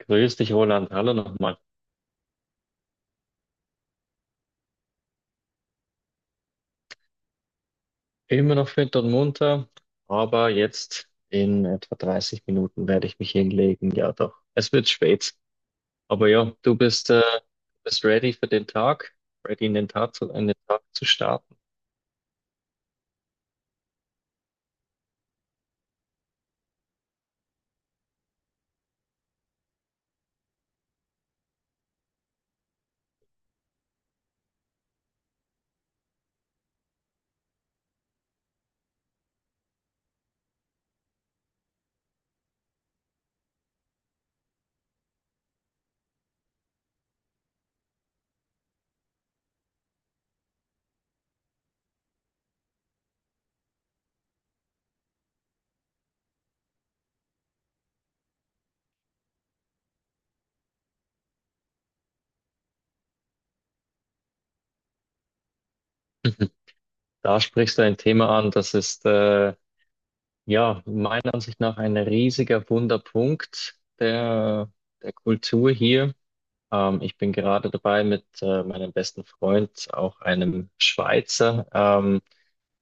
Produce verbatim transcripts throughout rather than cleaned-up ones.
Grüß dich, Roland. Hallo nochmal. Immer noch fit und munter, aber jetzt in etwa dreißig Minuten werde ich mich hinlegen. Ja, doch. Es wird spät. Aber ja, du bist, äh, bist ready für den Tag, ready in den Tag zu, in den Tag zu starten. Da sprichst du ein Thema an, das ist, äh, ja, meiner Ansicht nach ein riesiger Wunderpunkt der, der Kultur hier. Ähm, ich bin gerade dabei, mit äh, meinem besten Freund, auch einem Schweizer, ähm,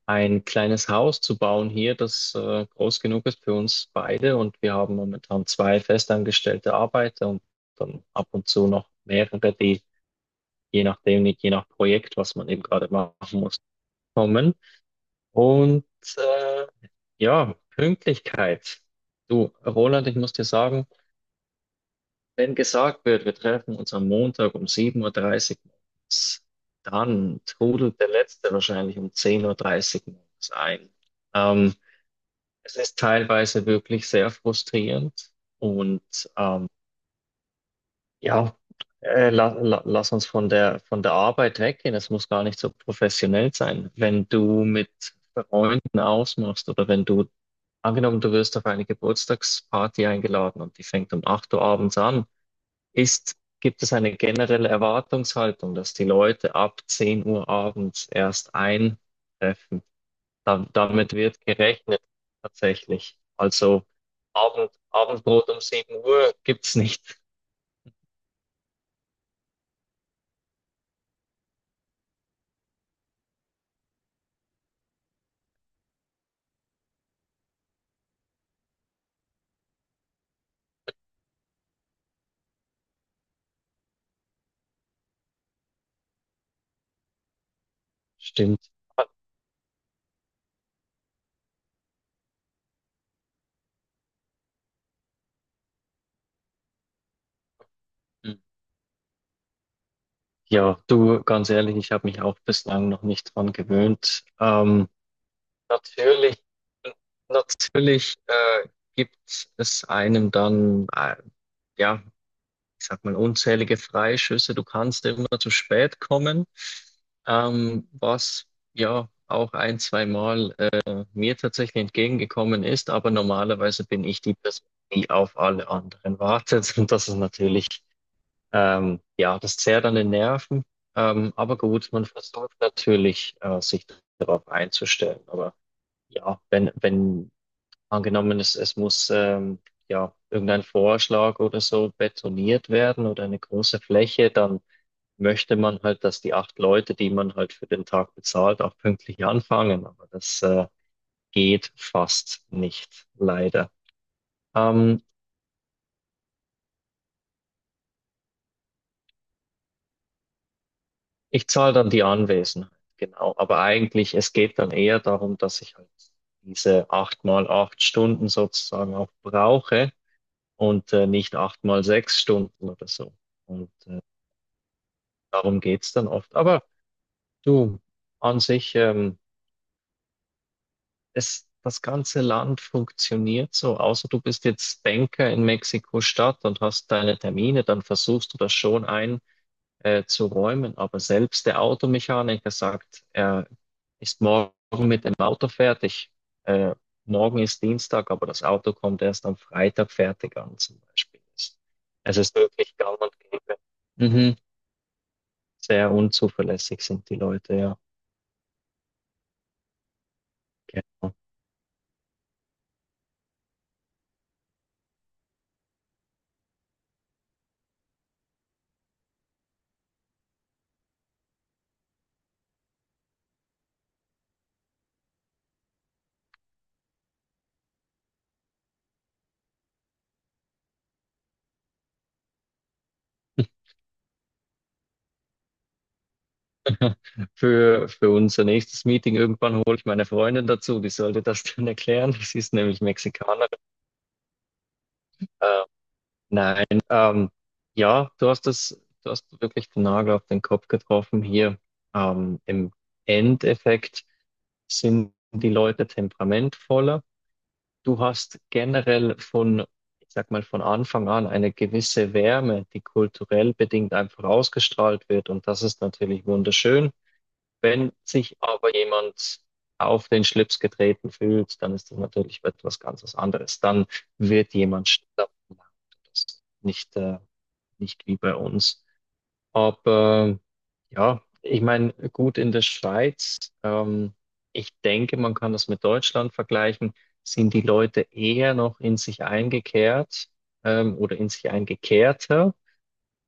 ein kleines Haus zu bauen hier, das äh, groß genug ist für uns beide. Und wir haben momentan zwei festangestellte Arbeiter und dann ab und zu noch mehrere, die je nachdem, je nach Projekt, was man eben gerade machen muss, kommen. Und äh, ja, Pünktlichkeit. Du, Roland, ich muss dir sagen, wenn gesagt wird, wir treffen uns am Montag um sieben Uhr dreißig morgens, dann trudelt der Letzte wahrscheinlich um zehn Uhr dreißig morgens ein. Ähm, Es ist teilweise wirklich sehr frustrierend und ähm, ja, äh, la, la, lass uns von der, von der Arbeit weggehen. Es muss gar nicht so professionell sein. Wenn du mit Freunden ausmachst oder wenn du, angenommen, du wirst auf eine Geburtstagsparty eingeladen und die fängt um acht Uhr abends an, ist, gibt es eine generelle Erwartungshaltung, dass die Leute ab zehn Uhr abends erst eintreffen. Da, damit wird gerechnet tatsächlich. Also Abend, Abendbrot um sieben Uhr gibt's nicht. Stimmt. Hm. Ja, du, ganz ehrlich, ich habe mich auch bislang noch nicht dran gewöhnt. Ähm, natürlich, natürlich äh, gibt es einem dann, äh, ja. Ich sag mal, unzählige Freischüsse. Du kannst immer zu spät kommen, ähm, was ja auch ein, zweimal äh, mir tatsächlich entgegengekommen ist. Aber normalerweise bin ich die Person, die auf alle anderen wartet. Und das ist natürlich, ähm, ja, das zehrt an den Nerven. Ähm, aber gut, man versucht natürlich, äh, sich darauf einzustellen. Aber ja, wenn, wenn angenommen, es, es muss ähm, ja irgendein Vorschlag oder so betoniert werden oder eine große Fläche, dann möchte man halt, dass die acht Leute, die man halt für den Tag bezahlt, auch pünktlich anfangen. Aber das äh, geht fast nicht, leider. Ähm, Ich zahle dann die Anwesenheit, genau. Aber eigentlich, es geht dann eher darum, dass ich halt diese acht mal acht Stunden sozusagen auch brauche und äh, nicht acht mal sechs Stunden oder so. Und äh, darum geht's dann oft. Aber du, an sich, ähm, es, das ganze Land funktioniert so, außer du bist jetzt Banker in Mexiko-Stadt und hast deine Termine, dann versuchst du das schon ein, äh, zu räumen. Aber selbst der Automechaniker sagt, er ist morgen mit dem Auto fertig. Äh, morgen ist Dienstag, aber das Auto kommt erst am Freitag fertig an, zum Beispiel. Es es ist wirklich gang und gäbe. Mhm. Sehr unzuverlässig sind die Leute, ja. Genau. Für, für unser nächstes Meeting irgendwann hole ich meine Freundin dazu, die sollte das dann erklären. Sie ist nämlich Mexikanerin. Äh, nein, ähm, ja, du hast das, du hast wirklich den Nagel auf den Kopf getroffen hier. Ähm, im Endeffekt sind die Leute temperamentvoller. Du hast generell von, ich sag mal, von Anfang an eine gewisse Wärme, die kulturell bedingt einfach ausgestrahlt wird. Und das ist natürlich wunderschön. Wenn sich aber jemand auf den Schlips getreten fühlt, dann ist das natürlich etwas ganz anderes. Dann wird jemand schneller. Das ist nicht, äh, nicht wie bei uns. Aber ja, ich meine, gut in der Schweiz, ähm, ich denke, man kann das mit Deutschland vergleichen, sind die Leute eher noch in sich eingekehrt, ähm, oder in sich eingekehrter.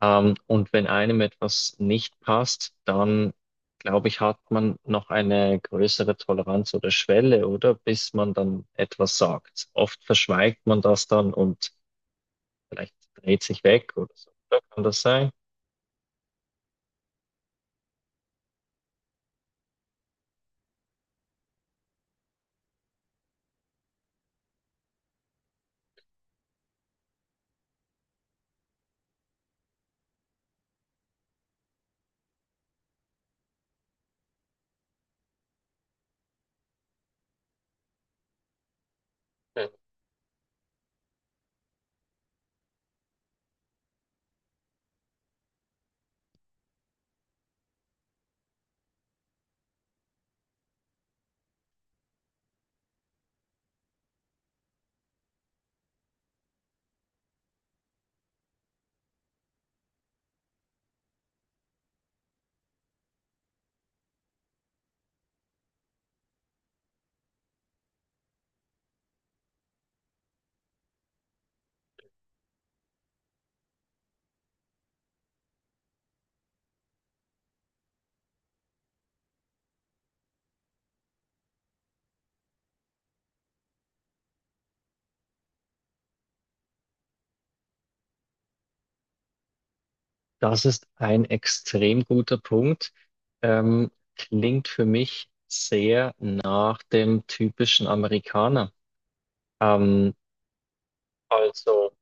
Ähm, und wenn einem etwas nicht passt, dann glaube ich, hat man noch eine größere Toleranz oder Schwelle, oder? Bis man dann etwas sagt. Oft verschweigt man das dann und vielleicht dreht sich weg oder so. Oder kann das sein? Mhm. Das ist ein extrem guter Punkt. Ähm, klingt für mich sehr nach dem typischen Amerikaner. Ähm, also,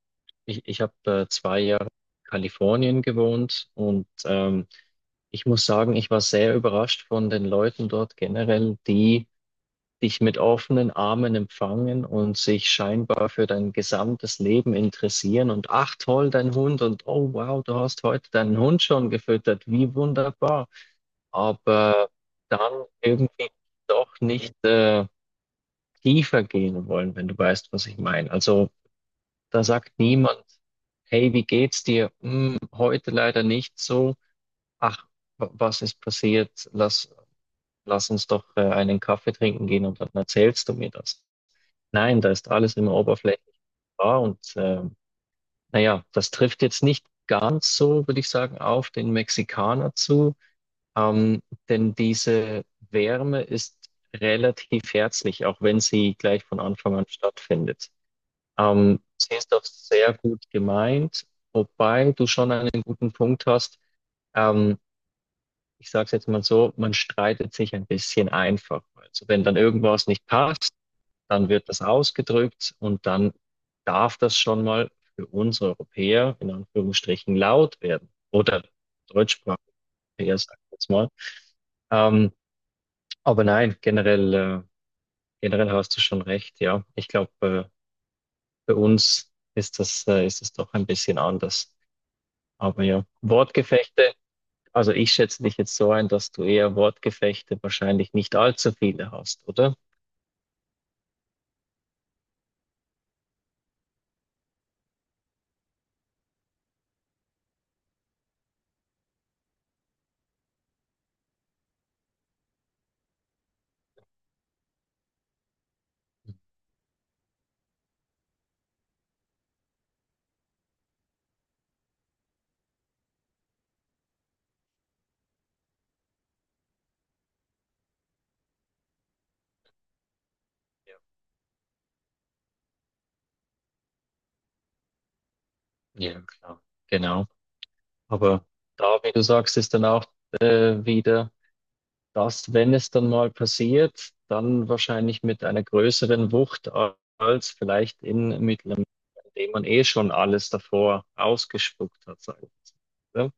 ich, ich habe äh, zwei Jahre in Kalifornien gewohnt und ähm, Ich muss sagen, ich war sehr überrascht von den Leuten dort generell, die dich mit offenen Armen empfangen und sich scheinbar für dein gesamtes Leben interessieren. Und ach toll, dein Hund und oh wow, du hast heute deinen Hund schon gefüttert, wie wunderbar. Aber dann irgendwie doch nicht äh, tiefer gehen wollen, wenn du weißt, was ich meine. Also da sagt niemand, hey, wie geht's dir? Hm, heute leider nicht so. Ach, wa- was ist passiert? Lass lass uns doch äh, einen Kaffee trinken gehen und dann erzählst du mir das. Nein, da ist alles immer oberflächlich wahr und ähm, naja, das trifft jetzt nicht ganz so, würde ich sagen, auf den Mexikaner zu, ähm, denn diese Wärme ist relativ herzlich, auch wenn sie gleich von Anfang an stattfindet. Ähm, sie ist auch sehr gut gemeint, wobei du schon einen guten Punkt hast. Ähm, Ich sage es jetzt mal so, man streitet sich ein bisschen einfach. Also wenn dann irgendwas nicht passt, dann wird das ausgedrückt und dann darf das schon mal für uns Europäer in Anführungsstrichen laut werden. Oder deutschsprachige Europäer, sag ich jetzt mal. Ähm, aber nein, generell, äh, generell hast du schon recht, ja. Ich glaube, äh, bei uns ist das, äh, ist das doch ein bisschen anders. Aber ja, Wortgefechte. Also ich schätze dich jetzt so ein, dass du eher Wortgefechte wahrscheinlich nicht allzu viele hast, oder? Ja, ja, klar. Genau. Aber da, wie du sagst, ist dann auch äh, wieder das, wenn es dann mal passiert, dann wahrscheinlich mit einer größeren Wucht a- als vielleicht in Mittelmeer, in dem man eh schon alles davor ausgespuckt hat, sagen wir mal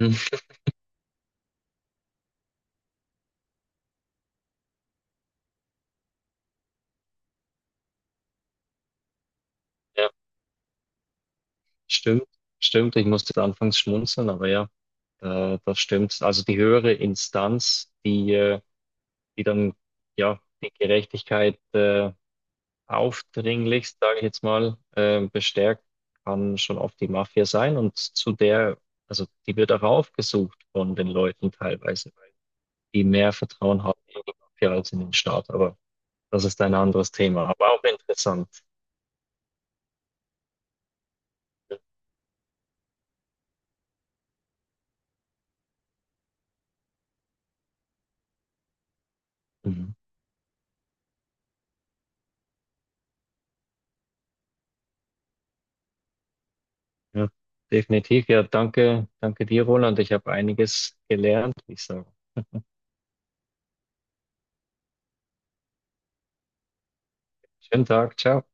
so, oder? Ja, stimmt, stimmt. Ich musste anfangs schmunzeln, aber ja, äh, das stimmt. Also die höhere Instanz, die äh, die dann ja die Gerechtigkeit äh, aufdringlichst, sage ich jetzt mal, äh, bestärkt, kann schon oft die Mafia sein und zu der, also die wird auch aufgesucht von den Leuten teilweise, weil die mehr Vertrauen haben in die Mafia als in den Staat. Aber das ist ein anderes Thema, aber auch interessant. Mhm. Ja, definitiv. Ja, danke, danke dir, Roland. Ich habe einiges gelernt, wie ich sage. Schönen Tag, ciao.